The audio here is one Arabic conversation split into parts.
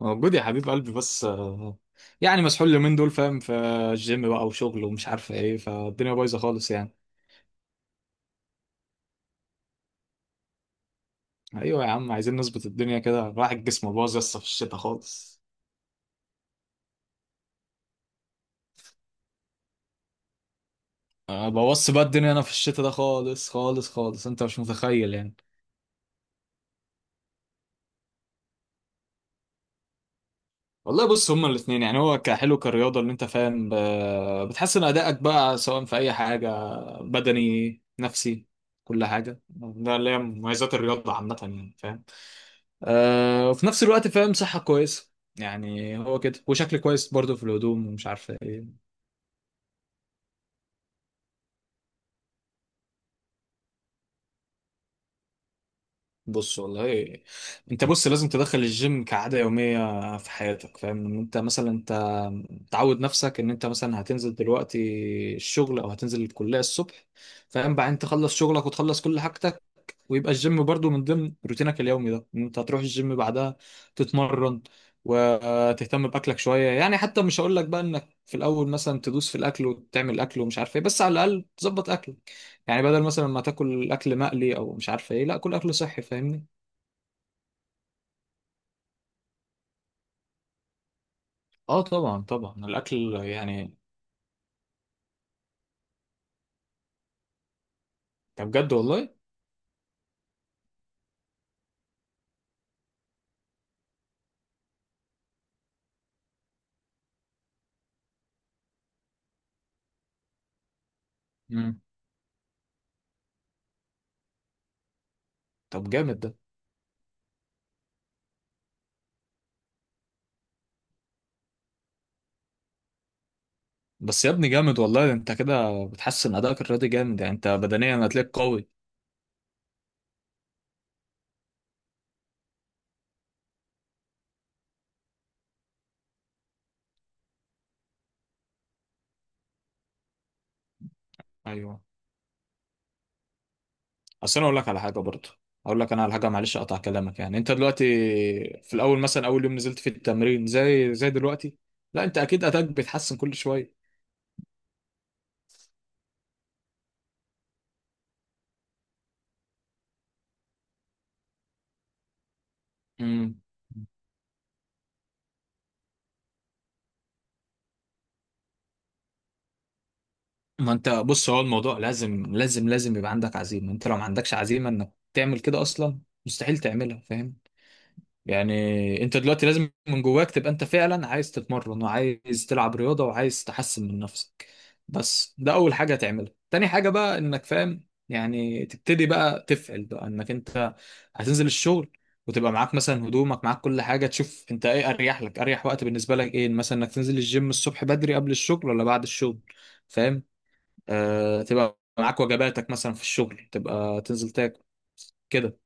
موجود يا حبيب قلبي بس يعني مسحول اليومين دول فاهم، في الجيم بقى وشغل ومش عارف ايه، فالدنيا بايظه خالص يعني. ايوه يا عم، عايزين نظبط الدنيا كده، راح الجسم باظ يسطا في الشتاء خالص. أه، بوظت بقى الدنيا انا في الشتاء ده خالص خالص خالص، انت مش متخيل يعني. والله بص، هما الاثنين يعني، هو كحلو كرياضه اللي انت فاهم، بتحسن ادائك بقى سواء في اي حاجه، بدني نفسي كل حاجه، ده اللي هي مميزات الرياضه عامه يعني فاهم. آه، وفي نفس الوقت فاهم صحة كويسة يعني، هو كده وشكل كويس برضه في الهدوم ومش عارف ايه. بص والله، انت بص لازم تدخل الجيم كعادة يومية في حياتك، فاهم ان انت مثلا انت تعود نفسك ان انت مثلا هتنزل دلوقتي الشغل او هتنزل الكلية الصبح، فاهم، بعدين تخلص شغلك وتخلص كل حاجتك، ويبقى الجيم برضو من ضمن روتينك اليومي ده، ان انت هتروح الجيم بعدها تتمرن وتهتم باكلك شويه يعني. حتى مش هقول لك بقى انك في الاول مثلا تدوس في الاكل وتعمل اكل ومش عارف ايه، بس على الاقل تظبط اكلك يعني، بدل مثلا ما تاكل اكل مقلي او مش عارف ايه، لا كل اكل صحي، فاهمني. اه طبعا طبعا، الاكل يعني. طب بجد والله. مم. طب جامد ده. بس يا ابني جامد والله، ده انت كده بتحسن ادائك الرياضي جامد يعني، انت بدنيا هتلاقيك قوي. ايوه. اصل انا اقول لك على حاجه برضه، اقول لك انا على حاجه، معلش اقطع كلامك. يعني انت دلوقتي في الاول مثلا اول يوم نزلت في التمرين زي دلوقتي، لا انت اكيد اداك بيتحسن كل شويه. امم. ما انت بص، هو الموضوع لازم لازم لازم يبقى عندك عزيمه، انت لو ما عندكش عزيمه انك تعمل كده اصلا، مستحيل تعملها، فاهم؟ يعني انت دلوقتي لازم من جواك تبقى انت فعلا عايز تتمرن وعايز تلعب رياضة وعايز تحسن من نفسك، بس ده اول حاجة هتعملها. تاني حاجة بقى انك فاهم، يعني تبتدي بقى تفعل بقى انك انت هتنزل الشغل، وتبقى معاك مثلا هدومك معاك كل حاجة، تشوف انت ايه اريح لك، اريح وقت بالنسبة لك ايه، مثلا انك تنزل الجيم الصبح بدري قبل الشغل ولا بعد الشغل، فاهم؟ آه، تبقى معاك وجباتك مثلا في الشغل تبقى تنزل تاكل كده.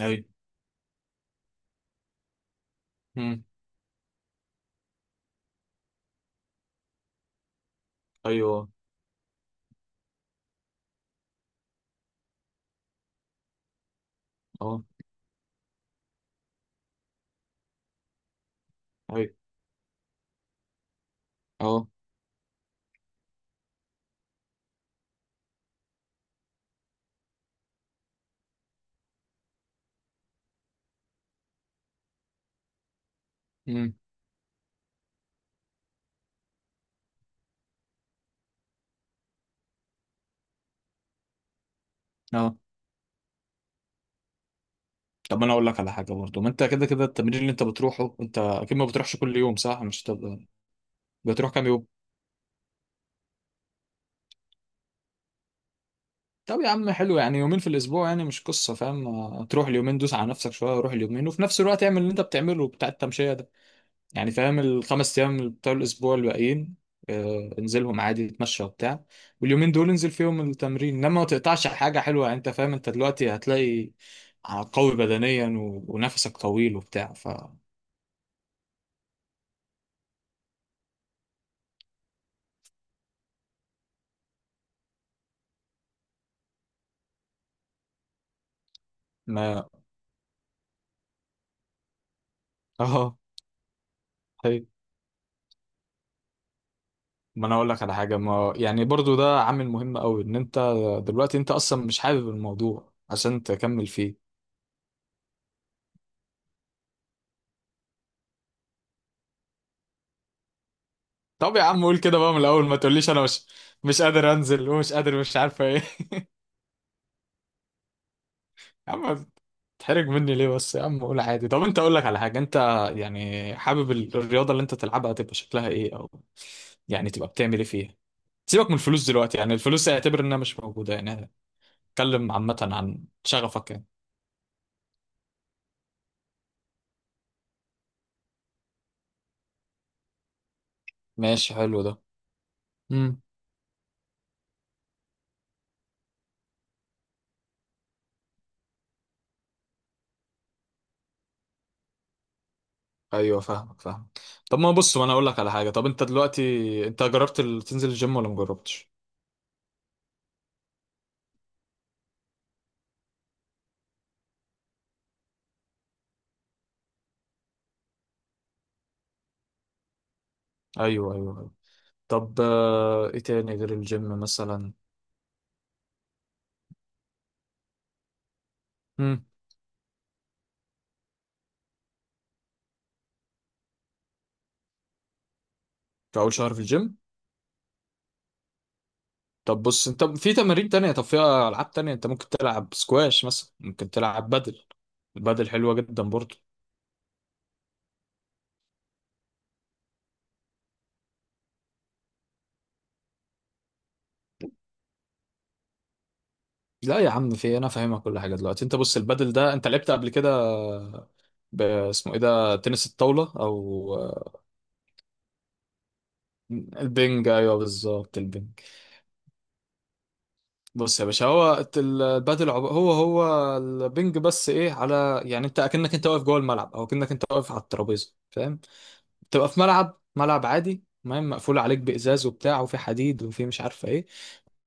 ايوه. مم. ايوه. اه. ايوه. اه. امم. اه، طب انا اقول لك على حاجه برضه، ما انت كده كده التمرين اللي انت بتروحه انت اكيد ما بتروحش كل يوم، صح؟ مش تبقى بتروح كام يوم؟ طب يا عم حلو، يعني يومين في الاسبوع يعني مش قصه فاهم. تروح اليومين دوس على نفسك شويه، روح اليومين، وفي نفس الوقت اعمل اللي انت بتعمله بتاع التمشيه ده يعني، فاهم؟ الخمس ايام بتوع الاسبوع الباقيين، انزلهم عادي اتمشى وبتاع، واليومين دول انزل فيهم التمرين، انما ما تقطعش حاجه حلوه يعني، انت فاهم؟ انت دلوقتي هتلاقي قوي بدنيا ونفسك طويل وبتاع، ف ما اه، طيب. ما انا اقول لك على حاجه، ما يعني برضو ده عامل مهم قوي، ان انت دلوقتي انت اصلا مش حابب الموضوع عشان تكمل فيه. طب يا عم قول كده بقى من الاول، ما تقوليش انا مش مش قادر انزل ومش قادر مش عارفه ايه يا عم تحرج مني ليه بس يا عم، قول عادي. طب انت، اقول لك على حاجه، انت يعني حابب الرياضه اللي انت تلعبها تبقى شكلها ايه، او يعني تبقى بتعمل ايه فيها؟ سيبك من الفلوس دلوقتي، يعني الفلوس اعتبر انها مش موجوده يعني. اتكلم عامه عن شغفك يعني. ماشي، حلو ده. مم. ايوه فاهمك، فاهم. طب ما بص وانا اقول لك على حاجه، طب انت دلوقتي انت جربت تنزل الجيم ولا مجربتش؟ ايوه ايوه أيوة. طب آه، ايه تاني غير الجيم مثلا؟ امم. في اول شهر في الجيم. طب بص، انت في تمارين تانية، طب في العاب تانية، انت ممكن تلعب سكواش مثلا، ممكن تلعب بدل، البدل حلوه جدا برضه. لا يا عم، في إيه؟ انا فاهمك كل حاجه. دلوقتي انت بص، البدل ده انت لعبت قبل كده اسمه ايه ده، تنس الطاوله، او البنج، ايوه بالظبط البنج. بص يا باشا، هو البادل هو البنج بس ايه على، يعني انت اكنك انت واقف جوه الملعب، او اكنك انت واقف على الترابيزه فاهم. بتبقى في ملعب، ملعب عادي تمام، مقفول عليك بازاز وبتاع، وفي حديد، وفي مش عارفه ايه،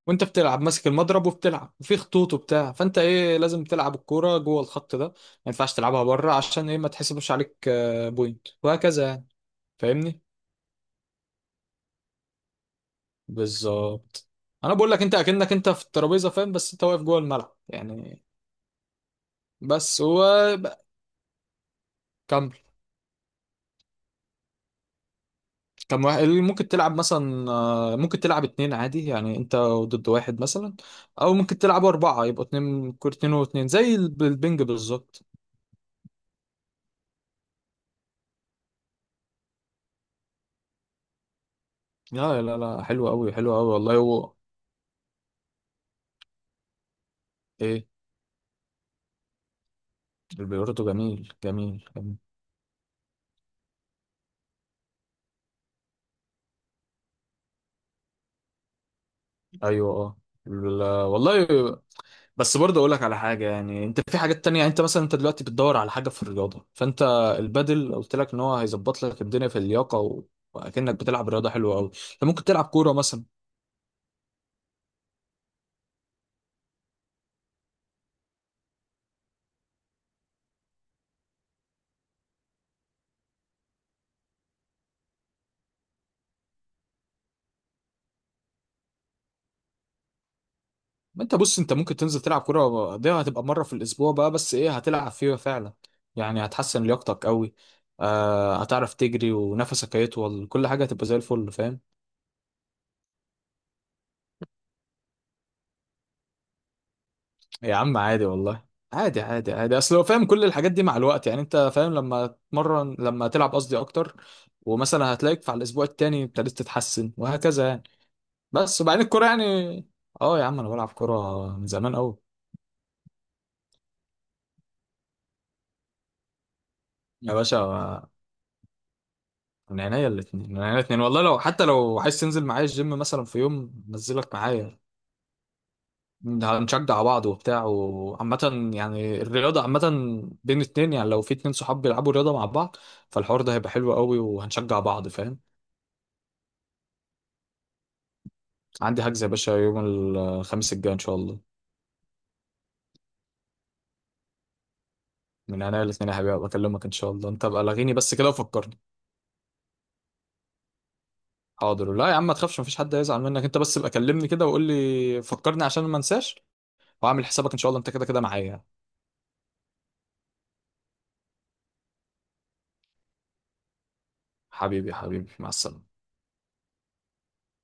وانت بتلعب ماسك المضرب وبتلعب، وفي خطوط وبتاع، فانت ايه، لازم تلعب الكوره جوه الخط ده، ما ينفعش تلعبها بره، عشان ايه، ما تحسبش عليك بوينت وهكذا يعني، فاهمني؟ بالظبط. انا بقول لك انت اكنك انت في الترابيزه فاهم، بس انت واقف جوه الملعب يعني، بس هو. كم كم واحد ممكن تلعب مثلا، ممكن تلعب اتنين عادي، يعني انت ضد واحد مثلا، او ممكن تلعب اربعة، يبقوا اتنين كور، اتنين واتنين، زي البنج بالظبط. لا لا لا، حلو قوي، حلو قوي والله، هو ايه؟ البيورتو جميل جميل جميل. ايوه، اه. لا، والله. بس برضه اقول لك على حاجه، يعني انت في حاجات تانية، يعني انت مثلا انت دلوقتي بتدور على حاجه في الرياضه، فانت البادل قلت لك ان هو هيظبط لك الدنيا في اللياقه و... واكنك بتلعب رياضه حلوه قوي، انت ممكن تلعب كوره مثلا. ما انت بص، انت ممكن تنزل تلعب كرة، دي هتبقى مرة في الأسبوع بقى، بس ايه، هتلعب فيها فعلا، يعني هتحسن لياقتك قوي، آه، هتعرف تجري ونفسك هيطول، كل حاجة هتبقى زي الفل، فاهم؟ يا عم عادي والله، عادي عادي عادي، اصل هو فاهم كل الحاجات دي مع الوقت، يعني انت فاهم، لما تمرن لما تلعب قصدي اكتر، ومثلا هتلاقيك في على الأسبوع التاني ابتديت تتحسن وهكذا يعني. بس وبعدين الكرة يعني، اه يا عم، انا بلعب كرة من زمان قوي. يا باشا، من عينيا الاثنين من عينيا الاثنين والله، لو حتى لو عايز تنزل معايا الجيم مثلا، في يوم نزلك معايا، هنشجع بعض وبتاع، وعامة يعني الرياضة عامة بين اتنين، يعني لو في اتنين صحاب بيلعبوا رياضة مع بعض، فالحوار ده هيبقى حلو قوي، وهنشجع بعض فاهم. عندي حجز يا باشا يوم الخميس الجاي ان شاء الله. من عينيا الاثنين يا حبيبي، بكلمك ان شاء الله، انت ابقى لغيني بس كده وفكرني. حاضر، لا يا عم ما تخافش، مفيش حد هيزعل منك، انت بس ابقى كلمني كده وقول لي فكرني عشان ما انساش، واعمل حسابك ان شاء الله، انت كده كده معايا. حبيبي حبيبي، مع السلامة.